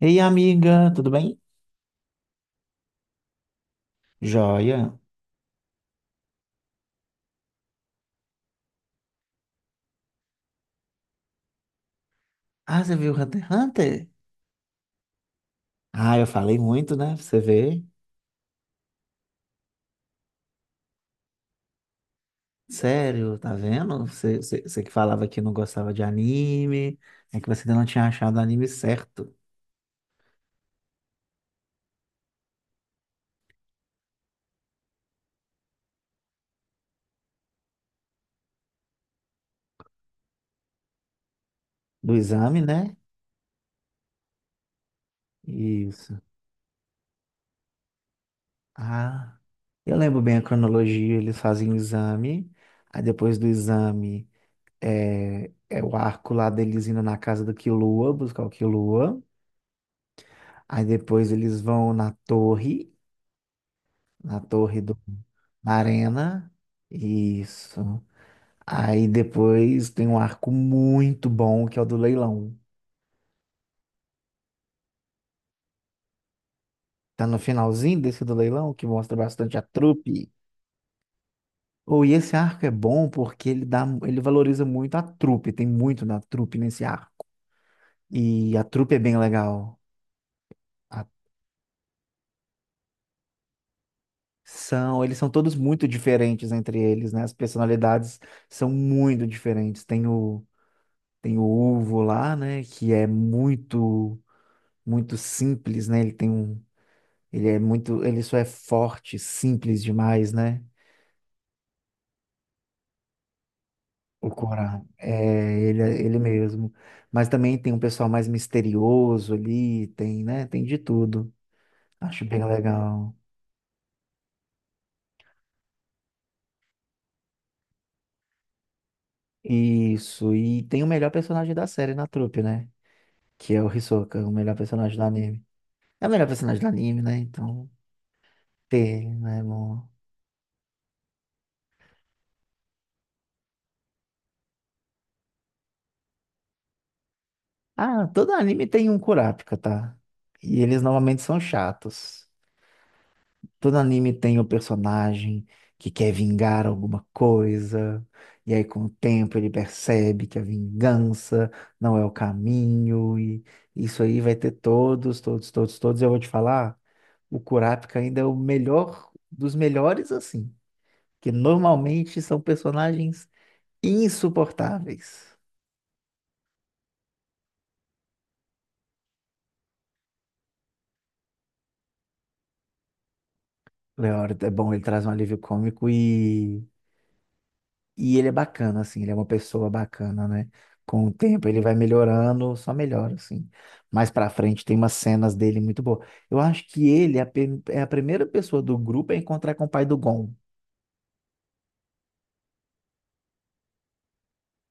Ei, amiga, tudo bem? Joia. Ah, você viu Hunter x Hunter? Ah, eu falei muito, né? Pra você vê? Sério, tá vendo? Você que falava que não gostava de anime, é que você ainda não tinha achado o anime certo do exame, né? Isso. Ah, eu lembro bem a cronologia, eles fazem o exame, aí depois do exame é o arco lá deles indo na casa do Killua, buscar o Killua, aí depois eles vão na torre. Na torre do... Na arena. Isso. Aí depois tem um arco muito bom, que é o do leilão. Tá no finalzinho desse do leilão, que mostra bastante a trupe. Ou e esse arco é bom porque ele dá, ele valoriza muito a trupe, tem muito na trupe nesse arco. E a trupe é bem legal. A- são, eles são todos muito diferentes entre eles, né? As personalidades são muito diferentes. Tem o Uvo lá, né? Que é muito muito simples, né? Ele é muito, ele só é forte, simples demais, né? O Corá, é, ele, ele mesmo. Mas também tem um pessoal mais misterioso ali, tem, né? Tem de tudo. Acho bem legal. Isso, e tem o melhor personagem da série na trupe, né? Que é o Hisoka, o melhor personagem do anime. É o melhor personagem do anime, né? Então, tem, né, bom. Ah, todo anime tem um Kurapika, tá? E eles normalmente são chatos. Todo anime tem o personagem que quer vingar alguma coisa, e aí com o tempo ele percebe que a vingança não é o caminho, e isso aí vai ter todos, todos, todos, todos. Eu vou te falar, o Kurapika ainda é o melhor dos melhores, assim, que normalmente são personagens insuportáveis. Leório é bom, ele traz um alívio cômico e ele é bacana, assim, ele é uma pessoa bacana, né? Com o tempo ele vai melhorando, só melhora, assim. Mais pra frente tem umas cenas dele muito boas. Eu acho que ele é a, é a primeira pessoa do grupo a encontrar com o pai do Gon.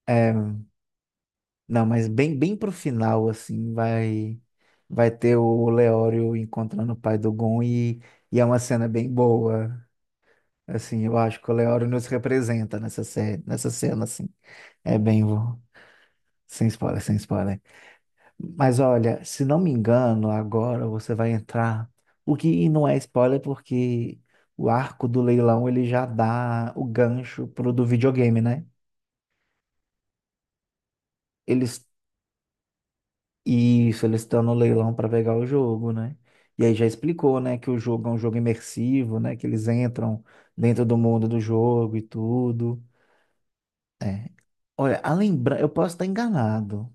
É, não, mas bem, bem pro final, assim, vai ter o Leório encontrando o pai do Gon e, é uma cena bem boa. Assim, eu acho que o Leório nos representa nessa série, nessa cena, assim. É bem, vou- Sem spoiler, sem spoiler. Mas olha, se não me engano, agora você vai entrar. O que e não é spoiler, porque o arco do leilão ele já dá o gancho pro do videogame, né? Eles. Isso, eles estão no leilão para pegar o jogo, né? E aí já explicou, né, que o jogo é um jogo imersivo, né? Que eles entram dentro do mundo do jogo e tudo. É. Olha, eu posso estar enganado,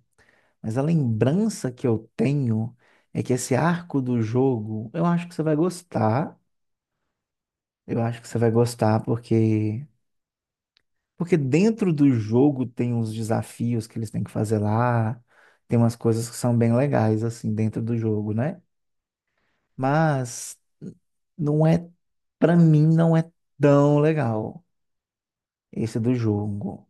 mas a lembrança que eu tenho é que esse arco do jogo, eu acho que você vai gostar. Eu acho que você vai gostar porque dentro do jogo tem uns desafios que eles têm que fazer lá, tem umas coisas que são bem legais assim dentro do jogo, né? Mas não é, pra mim não é tão legal esse do jogo.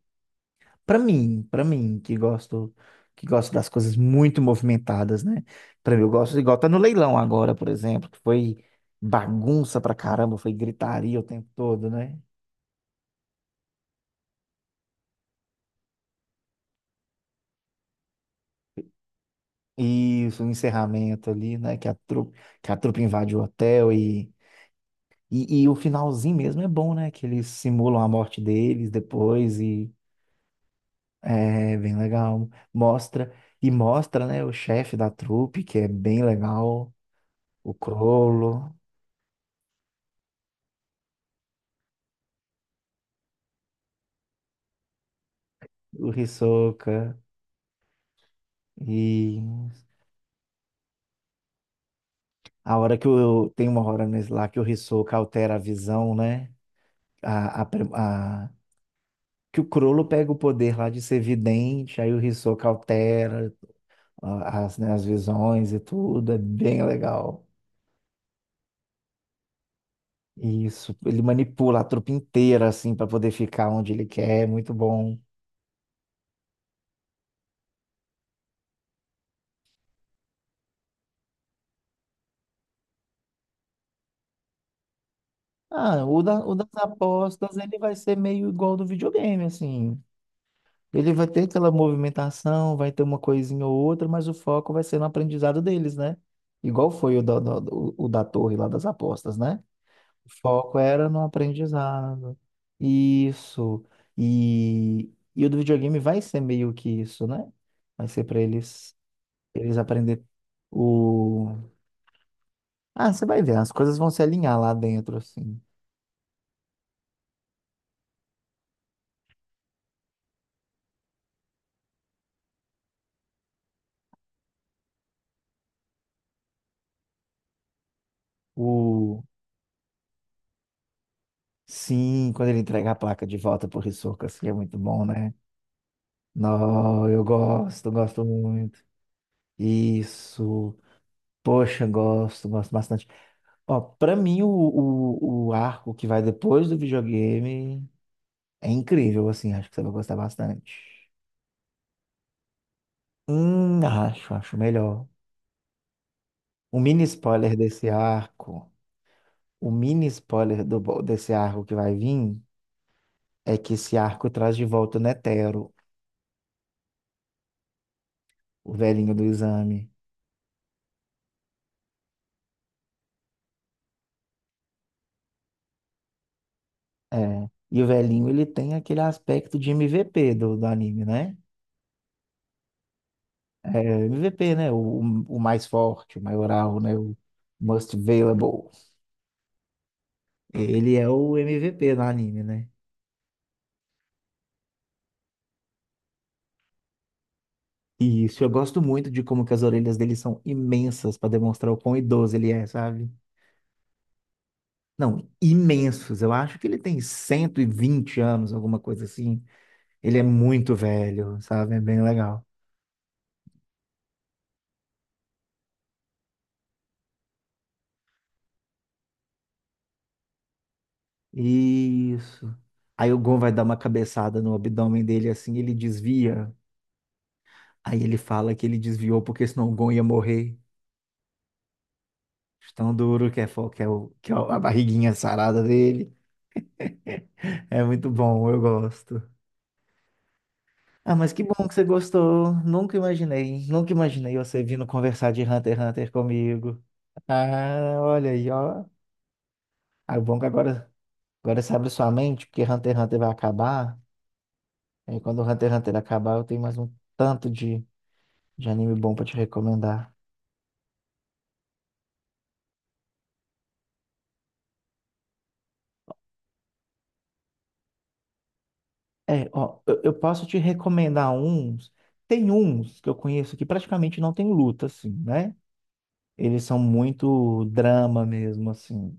Pra mim, que gosto das coisas muito movimentadas, né? Pra mim eu gosto igual tá no leilão agora, por exemplo, que foi bagunça pra caramba, foi gritaria o tempo todo, né? Isso, o encerramento ali, né? Que a trupe invade o hotel e o finalzinho mesmo é bom, né? Que eles simulam a morte deles depois e é bem legal. E mostra, né, o chefe da trupe, que é bem legal, o Crollo, o Hisoka. E a hora que o tem uma hora nesse lá que o Hisoka altera a visão, né? A, a, pre- a- que o Crollo pega o poder lá de ser vidente, aí o Hisoka altera, as, né, as visões e tudo, é bem legal. Isso, ele manipula a trupe inteira, assim, para poder ficar onde ele quer, é muito bom. Ah, o das apostas, ele vai ser meio igual ao do videogame, assim. Ele vai ter aquela movimentação, vai ter uma coisinha ou outra, mas o foco vai ser no aprendizado deles, né? Igual foi o da torre lá das apostas, né? O foco era no aprendizado. Isso. E o do videogame vai ser meio que isso, né? Vai ser para eles aprender o. Ah, você vai ver, as coisas vão se alinhar lá dentro assim. O Sim, quando ele entrega a placa de volta pro Hisoka, assim é muito bom, né? Não, eu gosto, gosto muito. Isso. Poxa, gosto, gosto bastante. Ó, para mim o arco que vai depois do videogame é incrível, assim, acho que você vai gostar bastante. Acho, acho melhor. O mini spoiler desse arco, o mini spoiler desse arco que vai vir, é que esse arco traz de volta o Netero, o velhinho do exame. É. E o velhinho, ele tem aquele aspecto de MVP do anime, né? É, MVP, né? O mais forte, o maioral, né? O most valuable. Ele é o MVP do anime, né? Isso, eu gosto muito de como que as orelhas dele são imensas para demonstrar o quão idoso ele é, sabe? Não, imensos. Eu acho que ele tem 120 anos, alguma coisa assim. Ele é muito velho, sabe? É bem legal. Isso. Aí o Gon vai dar uma cabeçada no abdômen dele assim, ele desvia. Aí ele fala que ele desviou porque senão o Gon ia morrer. De tão duro que é, que é a barriguinha sarada dele. É muito bom, eu gosto. Ah, mas que bom que você gostou. Nunca imaginei, nunca imaginei você vindo conversar de Hunter x Hunter comigo. Ah, olha aí, ó. Ah, bom que agora, agora você abre sua mente, porque Hunter x Hunter vai acabar. Aí quando o Hunter x Hunter acabar, eu tenho mais um tanto de, anime bom pra te recomendar. É, ó, eu posso te recomendar uns. Tem uns que eu conheço que praticamente não tem luta, assim, né? Eles são muito drama mesmo, assim.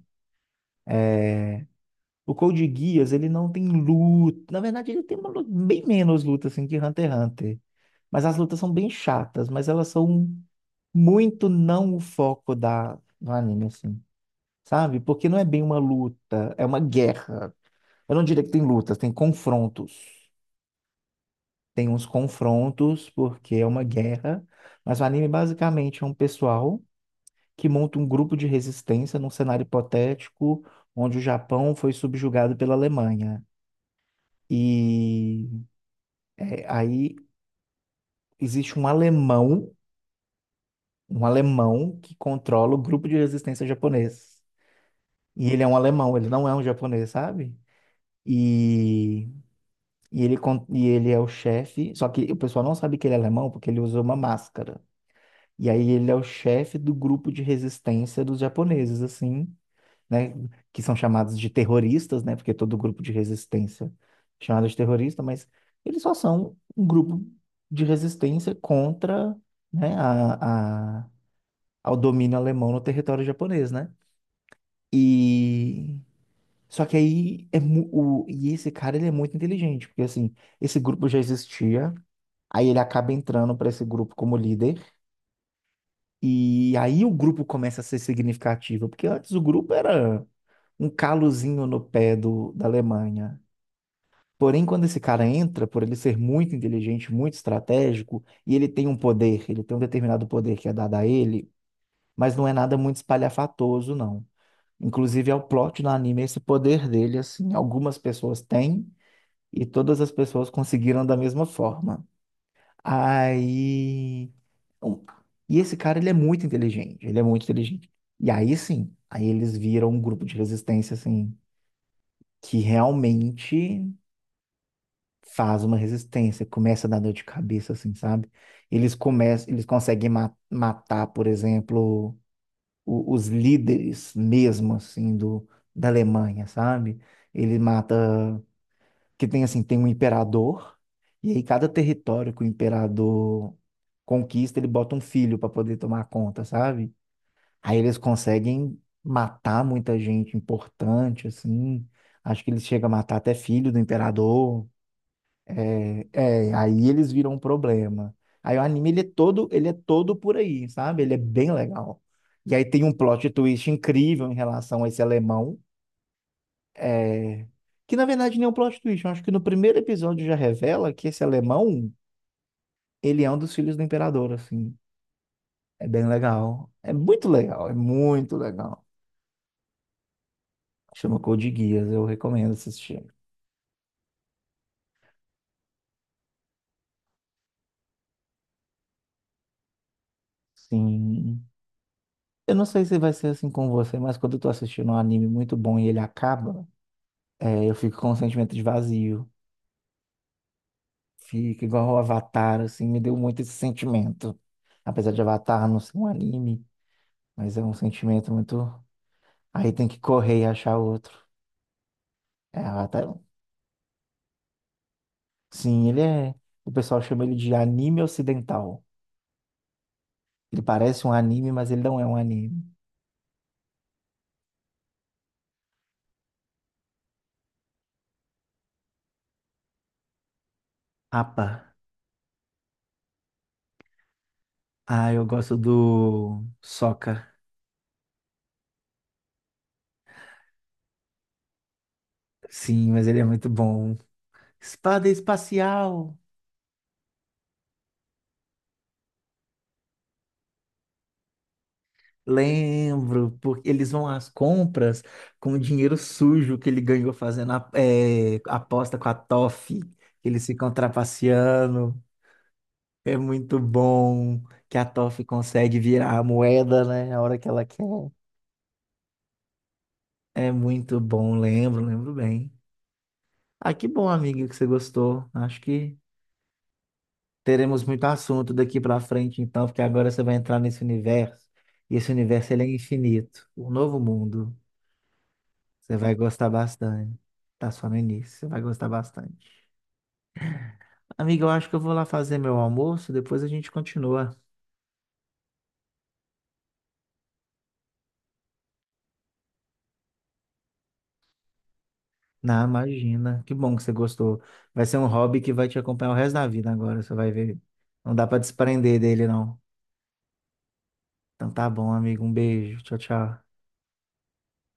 O Code Geass, ele não tem luta. Na verdade, ele tem uma luta, bem menos luta assim que Hunter x Hunter. Mas as lutas são bem chatas, mas elas são muito não o foco da do anime assim, sabe? Porque não é bem uma luta, é uma guerra. Eu não diria que tem lutas, tem confrontos. Tem uns confrontos porque é uma guerra, mas o anime basicamente é um pessoal que monta um grupo de resistência num cenário hipotético onde o Japão foi subjugado pela Alemanha. E, é, aí existe um alemão que controla o grupo de resistência japonês. E ele é um alemão, ele não é um japonês, sabe? E, e ele é o chefe, só que o pessoal não sabe que ele é alemão porque ele usa uma máscara. E aí ele é o chefe do grupo de resistência dos japoneses, assim, né, que são chamados de terroristas, né, porque todo grupo de resistência é chamado de terrorista, mas eles só são um grupo de resistência contra, né, ao domínio alemão no território japonês, né? E só que aí, e esse cara ele é muito inteligente, porque assim, esse grupo já existia, aí ele acaba entrando para esse grupo como líder. E aí o grupo começa a ser significativo, porque antes o grupo era um calozinho no pé da Alemanha. Porém, quando esse cara entra, por ele ser muito inteligente, muito estratégico, e ele tem um poder, ele tem um determinado poder que é dado a ele, mas não é nada muito espalhafatoso, não. Inclusive, é o plot no anime esse poder dele, assim, algumas pessoas têm e todas as pessoas conseguiram da mesma forma. Aí. um- E esse cara, ele é muito inteligente, ele é muito inteligente. E aí sim, aí eles viram um grupo de resistência, assim, que realmente faz uma resistência, começa a dar dor de cabeça, assim, sabe? Eles começam, eles conseguem matar, por exemplo, os líderes mesmo, assim, da Alemanha, sabe? Ele mata. Que tem assim, tem um imperador, e aí cada território que o imperador conquista, ele bota um filho para poder tomar conta, sabe? Aí eles conseguem matar muita gente importante, assim. Acho que eles chegam a matar até filho do imperador. É, é, aí eles viram um problema. Aí o anime ele é todo por aí, sabe? Ele é bem legal. E aí tem um plot twist incrível em relação a esse alemão é, Que na verdade nem é um plot twist. Eu acho que no primeiro episódio já revela que esse alemão, ele é um dos filhos do imperador, assim. É bem legal. É muito legal, é muito legal. Chama Code Geass, eu recomendo assistir. Sim. Eu não sei se vai ser assim com você, mas quando eu tô assistindo um anime muito bom e ele acaba, eu fico com um sentimento de vazio. Fica igual o Avatar, assim, me deu muito esse sentimento. Apesar de Avatar não ser um anime, mas é um sentimento muito. Aí tem que correr e achar outro. É, ah, sim, ele é. O pessoal chama ele de anime ocidental. Ele parece um anime, mas ele não é um anime. Apa. Ah, eu gosto do Sokka. Sim, mas ele é muito bom. Espada espacial. Lembro, porque eles vão às compras com o dinheiro sujo que ele ganhou fazendo aposta com a Toff. Eles ficam trapaceando. É muito bom que a Toff consegue virar a moeda, né? A hora que ela quer. É muito bom, lembro, lembro bem. Ah, que bom, amigo, que você gostou. Acho que teremos muito assunto daqui para frente, então, porque agora você vai entrar nesse universo, e esse universo ele é infinito. O novo mundo, você vai gostar bastante. Tá só no início, você vai gostar bastante. Amigo, eu acho que eu vou lá fazer meu almoço, depois a gente continua. Na, imagina, que bom que você gostou. Vai ser um hobby que vai te acompanhar o resto da vida agora, você vai ver. Não dá para desprender dele, não. Então tá bom, amigo, um beijo. Tchau, tchau.